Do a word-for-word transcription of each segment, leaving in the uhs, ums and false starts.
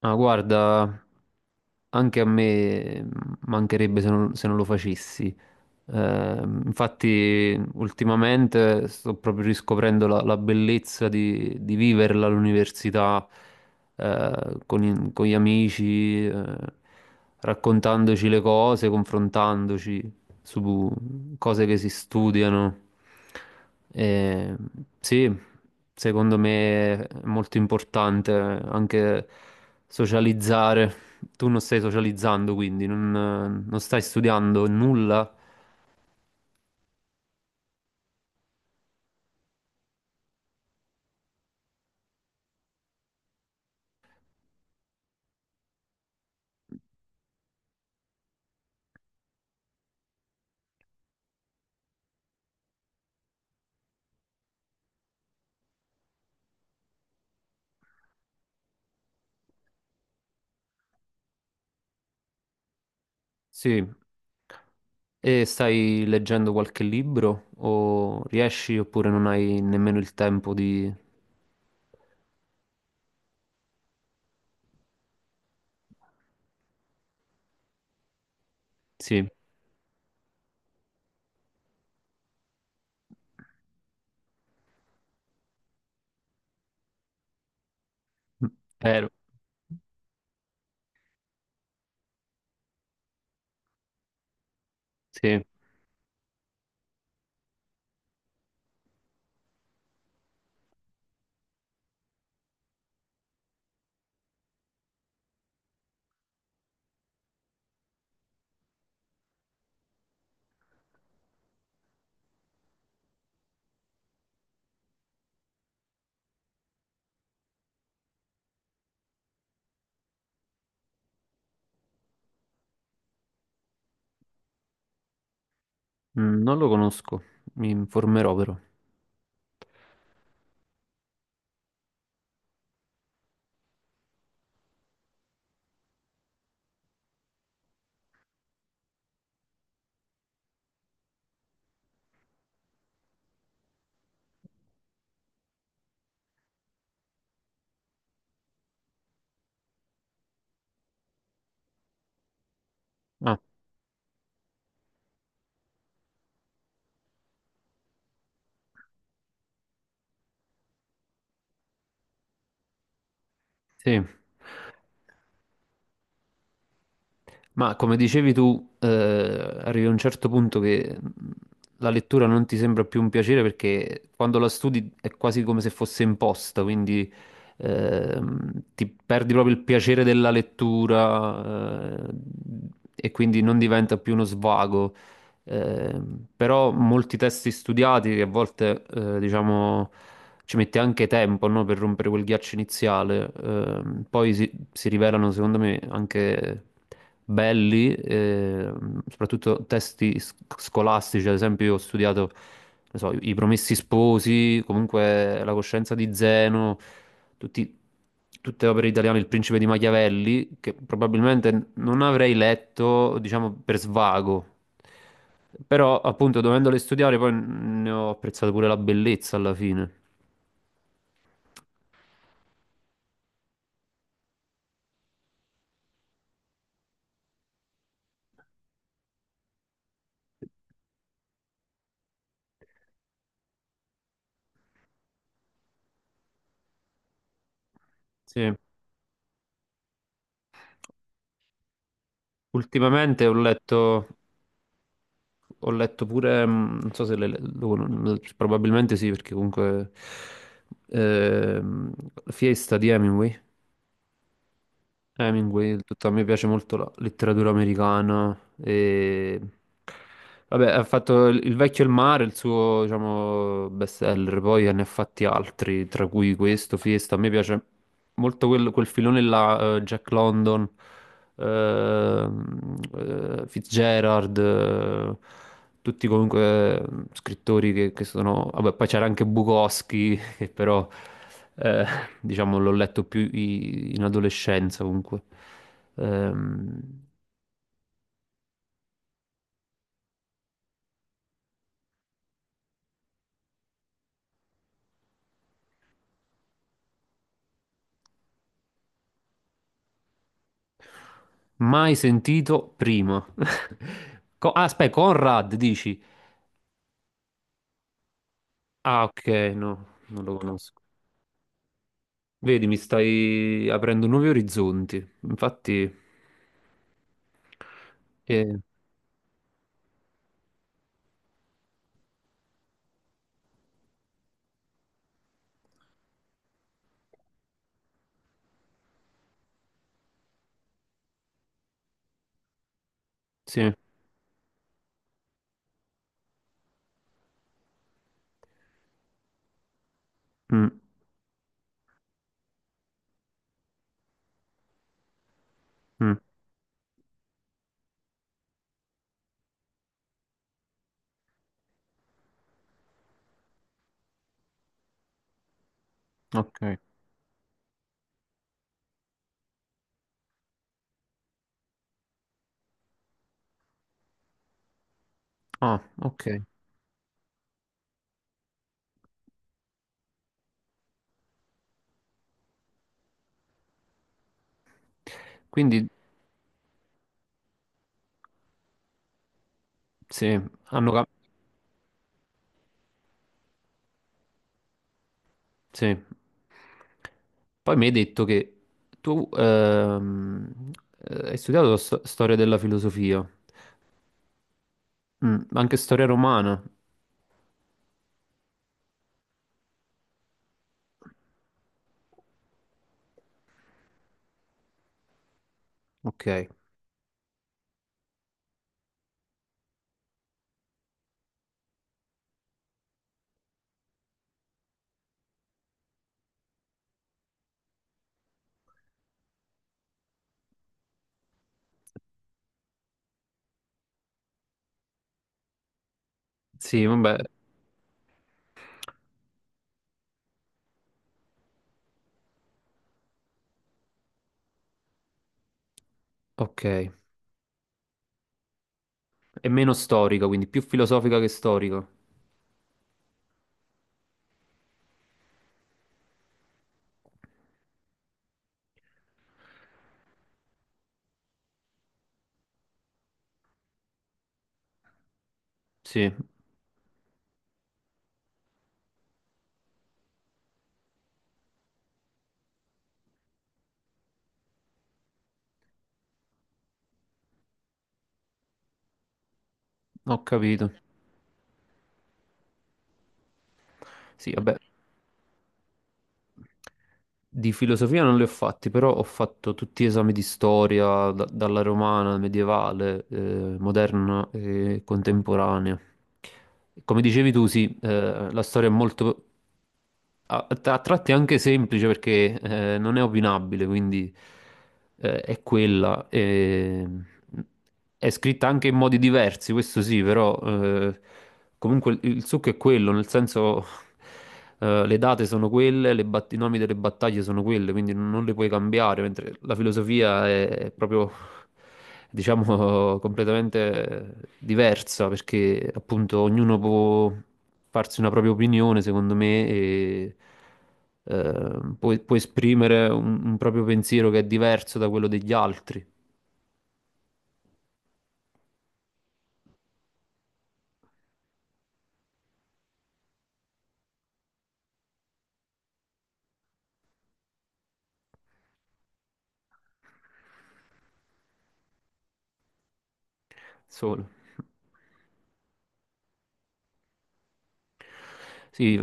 Ma guarda, anche a me mancherebbe se non, se non lo facessi. Eh, infatti, ultimamente sto proprio riscoprendo la, la bellezza di, di viverla all'università, eh, con, i- con gli amici, eh, raccontandoci le cose, confrontandoci su cose che si studiano. Eh, sì, secondo me è molto importante anche socializzare. Tu non stai socializzando, quindi non non stai studiando nulla. Sì, e stai leggendo qualche libro o riesci oppure non hai nemmeno il tempo di... Sì, mm, eh, sì, mm, non lo conosco, mi informerò però. Ah, sì, ma come dicevi tu, eh, arrivi a un certo punto che mh, la lettura non ti sembra più un piacere perché quando la studi è quasi come se fosse imposta, quindi ehm, ti perdi proprio il piacere della lettura, eh, e quindi non diventa più uno svago, eh, però molti testi studiati a volte, eh, diciamo, ci mette anche tempo, no, per rompere quel ghiaccio iniziale. Ehm, poi si, si rivelano, secondo me, anche belli, eh, soprattutto testi sc- scolastici. Ad esempio, io ho studiato, non so, I Promessi Sposi, comunque La coscienza di Zeno, tutti- tutte opere italiane, Il Principe di Machiavelli, che probabilmente non avrei letto, diciamo, per svago, però appunto dovendole studiare poi ne ho apprezzato pure la bellezza alla fine. Sì, ultimamente ho letto, ho letto pure, mm, non so se le, lo- non- probabilmente sì, perché comunque ehm, Fiesta di Hemingway. Hemingway, tutto, a me piace molto la letteratura americana e... Vabbè, ha fatto Il il vecchio e il mare, il suo, diciamo, bestseller, poi ne ha fatti altri, tra cui questo, Fiesta. A me piace molto quel, quel filone là, eh, Jack London, ehm, eh, Fitzgerald, eh, tutti comunque eh, scrittori che, che sono... Vabbè, poi c'era anche Bukowski, però eh, diciamo l'ho letto più i- in adolescenza comunque. Ehm, Mai sentito prima. Co- ah, aspetta, Conrad dici? Ah, ok, no, non lo conosco. Vedi, mi stai aprendo nuovi orizzonti. Infatti, eh, sì. Mm, mm, ok. Ah, ok. Quindi, sì, hanno sì. Poi mi hai detto che tu ehm, eh, hai studiato sto- storia della filosofia, mm, anche storia romana. Ok. Sì, vabbè, ok. È meno storica, quindi più filosofica che storica. Sì, ho capito. Sì, vabbè. Di filosofia non li ho fatti, però ho fatto tutti gli esami di storia, da- dalla romana, medievale, eh, moderna e contemporanea. Come dicevi tu, sì, eh, la storia è molto, a, a tratti è anche semplice perché eh, non è opinabile, quindi eh, è quella. E- È scritta anche in modi diversi, questo sì, però eh, comunque il, il succo è quello, nel senso eh, le date sono quelle, le bat- i nomi delle battaglie sono quelle, quindi non le puoi cambiare, mentre la filosofia è, è proprio, diciamo, completamente diversa, perché appunto ognuno può farsi una propria opinione, secondo me, e eh, può, può esprimere un, un proprio pensiero che è diverso da quello degli altri, solo. Sì,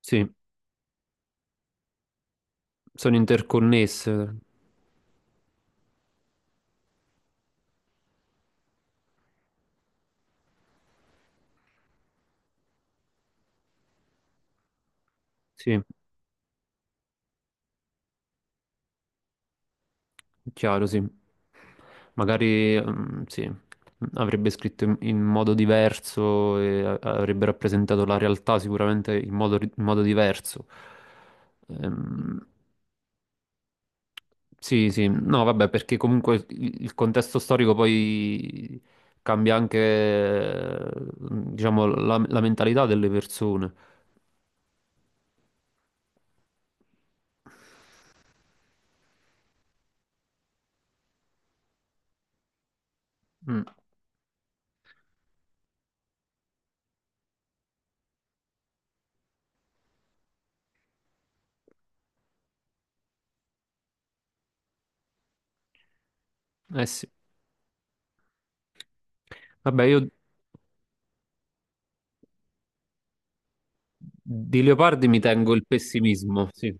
sì, sono interconnesse, sì, chiaro, sì. Magari, mm, sì, avrebbe scritto in, in modo diverso e a- avrebbe rappresentato la realtà sicuramente in modo, ri- in modo diverso. Ehm, Sì, sì, no, vabbè, perché comunque il il contesto storico poi cambia anche, eh, diciamo, la, la mentalità delle persone. Mm, eh sì. Vabbè, io di Leopardi mi tengo il pessimismo, sì.